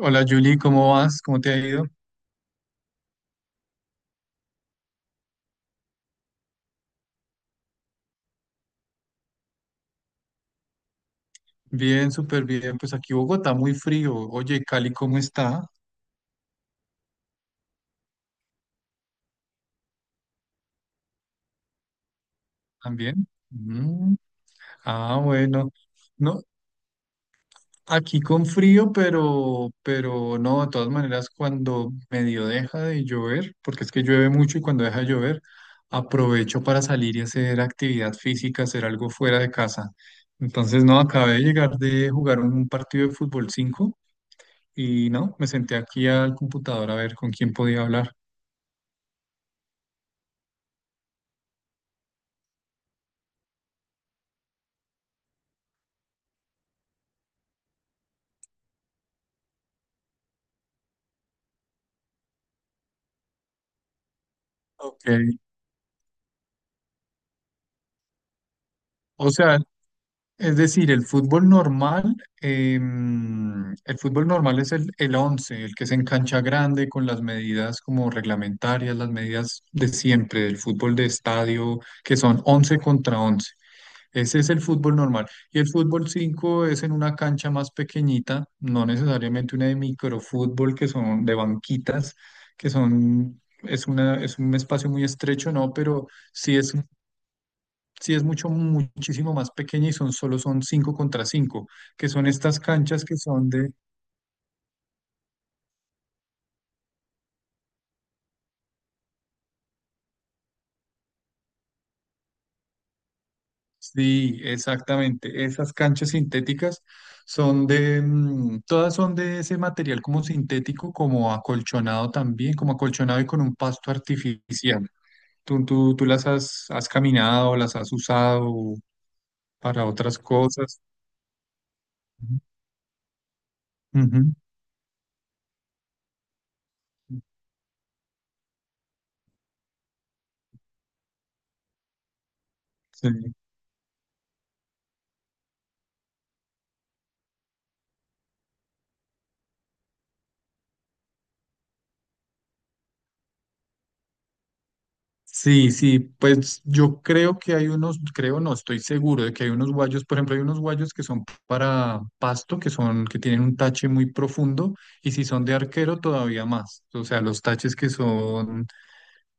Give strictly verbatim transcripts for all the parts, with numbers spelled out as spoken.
Hola Julie, ¿cómo vas? ¿Cómo te ha ido? Bien, súper bien. Pues aquí Bogotá muy frío. Oye, Cali, ¿cómo está? ¿También? Mm. Ah, bueno. No, aquí con frío, pero, pero no, de todas maneras, cuando medio deja de llover, porque es que llueve mucho y cuando deja de llover, aprovecho para salir y hacer actividad física, hacer algo fuera de casa. Entonces, no, acabé de llegar de jugar un partido de fútbol cinco y no, me senté aquí al computador a ver con quién podía hablar. Ok, o sea, es decir, el fútbol normal, em, el fútbol normal es el, el once, el que se en cancha grande con las medidas como reglamentarias, las medidas de siempre, del fútbol de estadio, que son once contra once. Ese es el fútbol normal. Y el fútbol cinco es en una cancha más pequeñita, no necesariamente una de microfútbol, que son de banquitas, que son, es una, es un espacio muy estrecho, no, pero sí es sí, es mucho, muchísimo más pequeña y son solo son cinco contra cinco que son estas canchas que son de, sí, exactamente, esas canchas sintéticas son de, mm, todas son de ese material como sintético, como acolchonado también, como acolchonado y con un pasto artificial. ¿Tú, tú, tú las has, has caminado, ¿las has usado para otras cosas? Ujú, ujú, sí. Sí, sí, pues yo creo que hay unos, creo no, estoy seguro de que hay unos guayos, por ejemplo, hay unos guayos que son para pasto, que son, que tienen un tache muy profundo, y si son de arquero, todavía más. O sea, los taches que son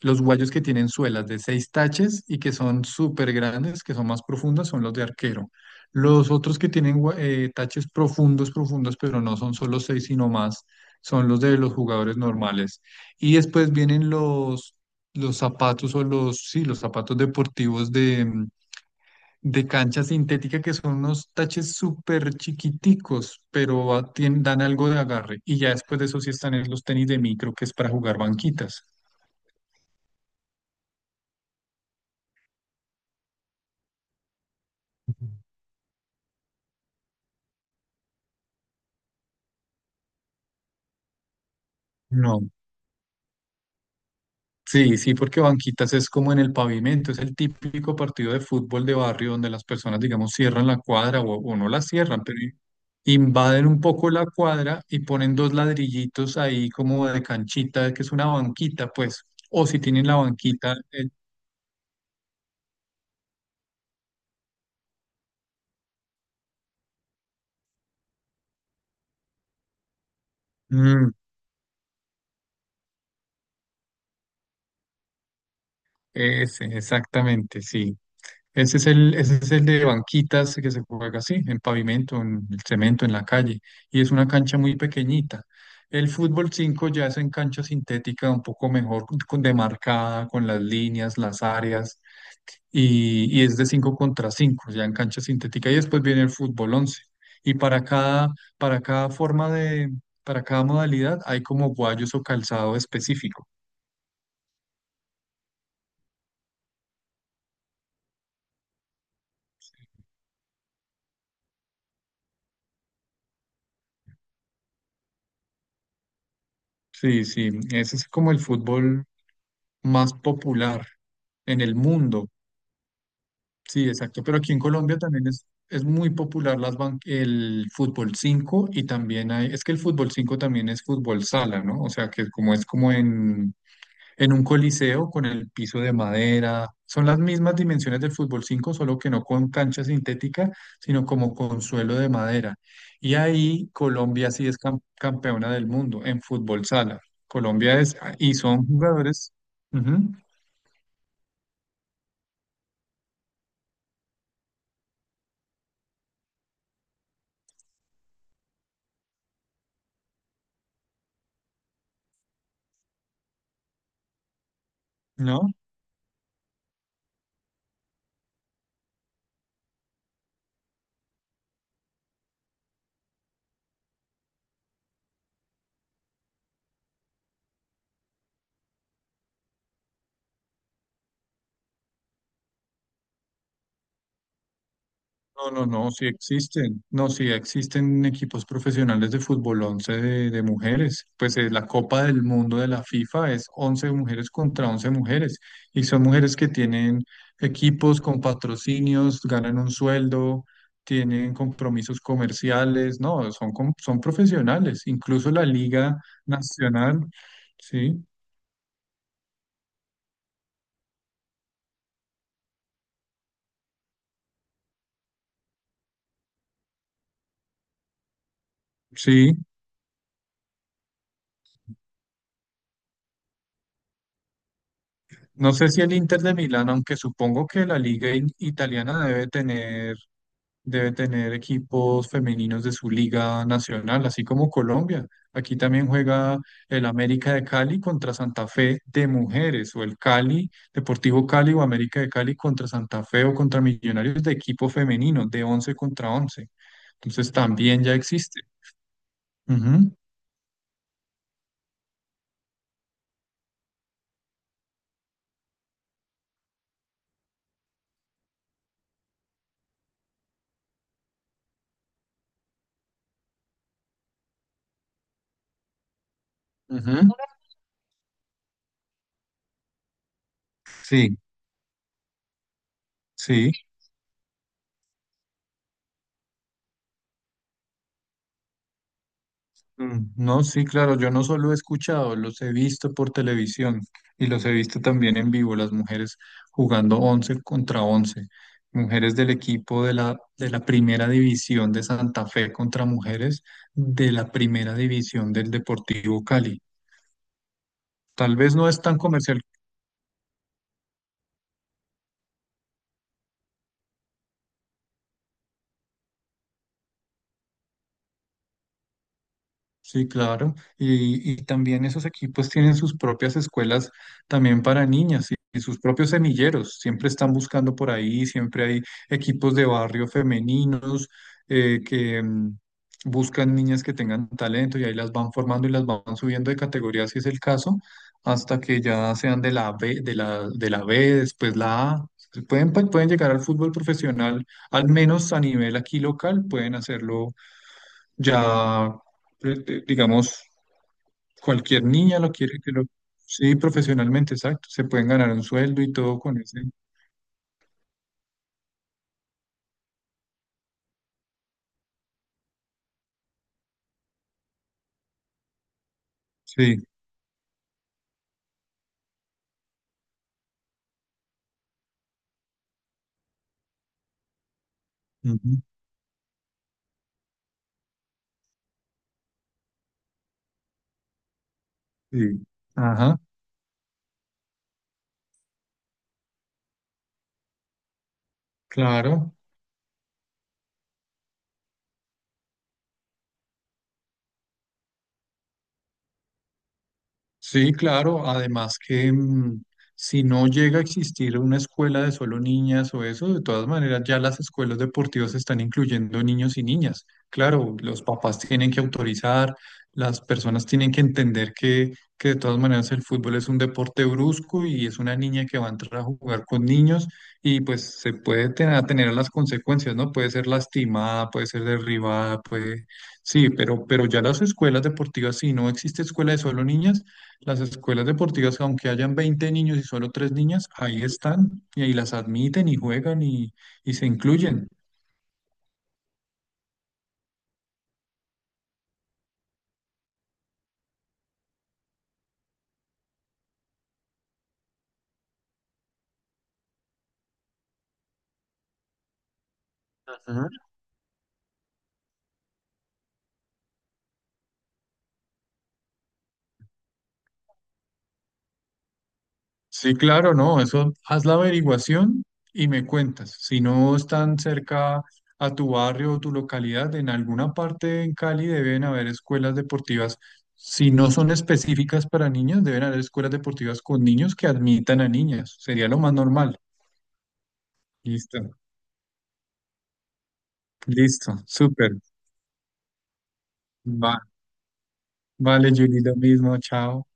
los guayos que tienen suelas de seis taches y que son súper grandes, que son más profundas, son los de arquero. Los otros que tienen gua- eh, taches profundos, profundos, pero no son solo seis, sino más, son los de los jugadores normales. Y después vienen los, los zapatos o los, sí, los zapatos deportivos de, mm, de cancha sintética, que son unos taches súper chiquiticos, pero ah, tien- dan algo de agarre. Y ya después de eso sí están en los tenis de micro, que es para jugar banquitas. No. Sí, sí, porque banquitas es como en el pavimento, es el típico partido de fútbol de barrio donde las personas, digamos, cierran la cuadra o, o no la cierran, pero i- invaden un poco la cuadra y ponen dos ladrillitos ahí como de canchita, que es una banquita, pues, o si tienen la banquita, eh, mm, ese, exactamente, sí. Ese es el, ese es el de banquitas que se juega así, en pavimento, en el cemento, en la calle, y es una cancha muy pequeñita. El fútbol cinco ya es en cancha sintética, un poco mejor con- demarcada, con las líneas, las áreas, y, y es de cinco contra cinco ya en cancha sintética, y después viene el fútbol once. Y para cada, para cada forma de, para cada modalidad hay como guayos o calzado específico. Sí, sí, ese es como el fútbol más popular en el mundo. Sí, exacto. Pero aquí en Colombia también es, es muy popular las ban- el fútbol cinco y también hay, es que el fútbol cinco también es fútbol sala, ¿no? O sea, que como es como en, en un coliseo con el piso de madera. Son las mismas dimensiones del fútbol cinco solo que no con cancha sintética, sino como con suelo de madera. Y ahí Colombia sí es cam- campeona del mundo en fútbol sala. Colombia es, y son jugadores, ujú, ¿no? No, no, no, sí existen, no, sí existen equipos profesionales de fútbol once de, de mujeres. Pues eh, la Copa del Mundo de la FIFA es once mujeres contra once mujeres y son mujeres que tienen equipos con patrocinios, ganan un sueldo, tienen compromisos comerciales, no, son, com- son profesionales, incluso la Liga Nacional, sí, sí. No sé si el Inter de Milán, aunque supongo que la Liga in- italiana debe tener, debe tener equipos femeninos de su liga nacional, así como Colombia. Aquí también juega el América de Cali contra Santa Fe de mujeres, o el Cali, Deportivo Cali o América de Cali contra Santa Fe o contra Millonarios de equipo femenino, de once contra once. Entonces también ya existe. Ujú, ujú. Sí, sí. Mm, no, sí, claro, yo no solo he escuchado, los he visto por televisión y los he visto también en vivo, las mujeres jugando once contra once, mujeres del equipo de la, de la primera división de Santa Fe contra mujeres de la primera división del Deportivo Cali. Tal vez no es tan comercial. Sí, claro. Y, y también esos equipos tienen sus propias escuelas también para niñas y, y sus propios semilleros. Siempre están buscando por ahí, siempre hay equipos de barrio femeninos eh, que mm, buscan niñas que tengan talento y ahí las van formando y las van subiendo de categoría, si es el caso, hasta que ya sean de la B, de la, de la B, después la A. Pueden, pueden llegar al fútbol profesional, al menos a nivel aquí local, pueden hacerlo ya, eh, eh, digamos, cualquier niña lo quiere que lo... Sí, profesionalmente, exacto. Se pueden ganar un sueldo y todo con ese. Sí. Ujú, sí. Ajá, claro. Sí, claro. Además que mm, si no llega a existir una escuela de solo niñas o eso, de todas maneras ya las escuelas deportivas están incluyendo niños y niñas. Claro, los papás tienen que autorizar, las personas tienen que entender que, que de todas maneras el fútbol es un deporte brusco y es una niña que va a entrar a jugar con niños y pues se puede tener, atener a las consecuencias, ¿no? Puede ser lastimada, puede ser derribada, puede... Sí, pero, pero ya las escuelas deportivas, si no existe escuela de solo niñas, las escuelas deportivas, aunque hayan veinte niños y solo tres niñas, ahí están y ahí las admiten y juegan y, y se incluyen. Ujú. Sí, claro, no, eso haz la averiguación y me cuentas. Si no están cerca a tu barrio o tu localidad, en alguna parte en Cali deben haber escuelas deportivas. Si no son específicas para niños, deben haber escuelas deportivas con niños que admitan a niñas. Sería lo más normal. Listo, listo, súper. Va, vale, Julie, lo mismo, chao.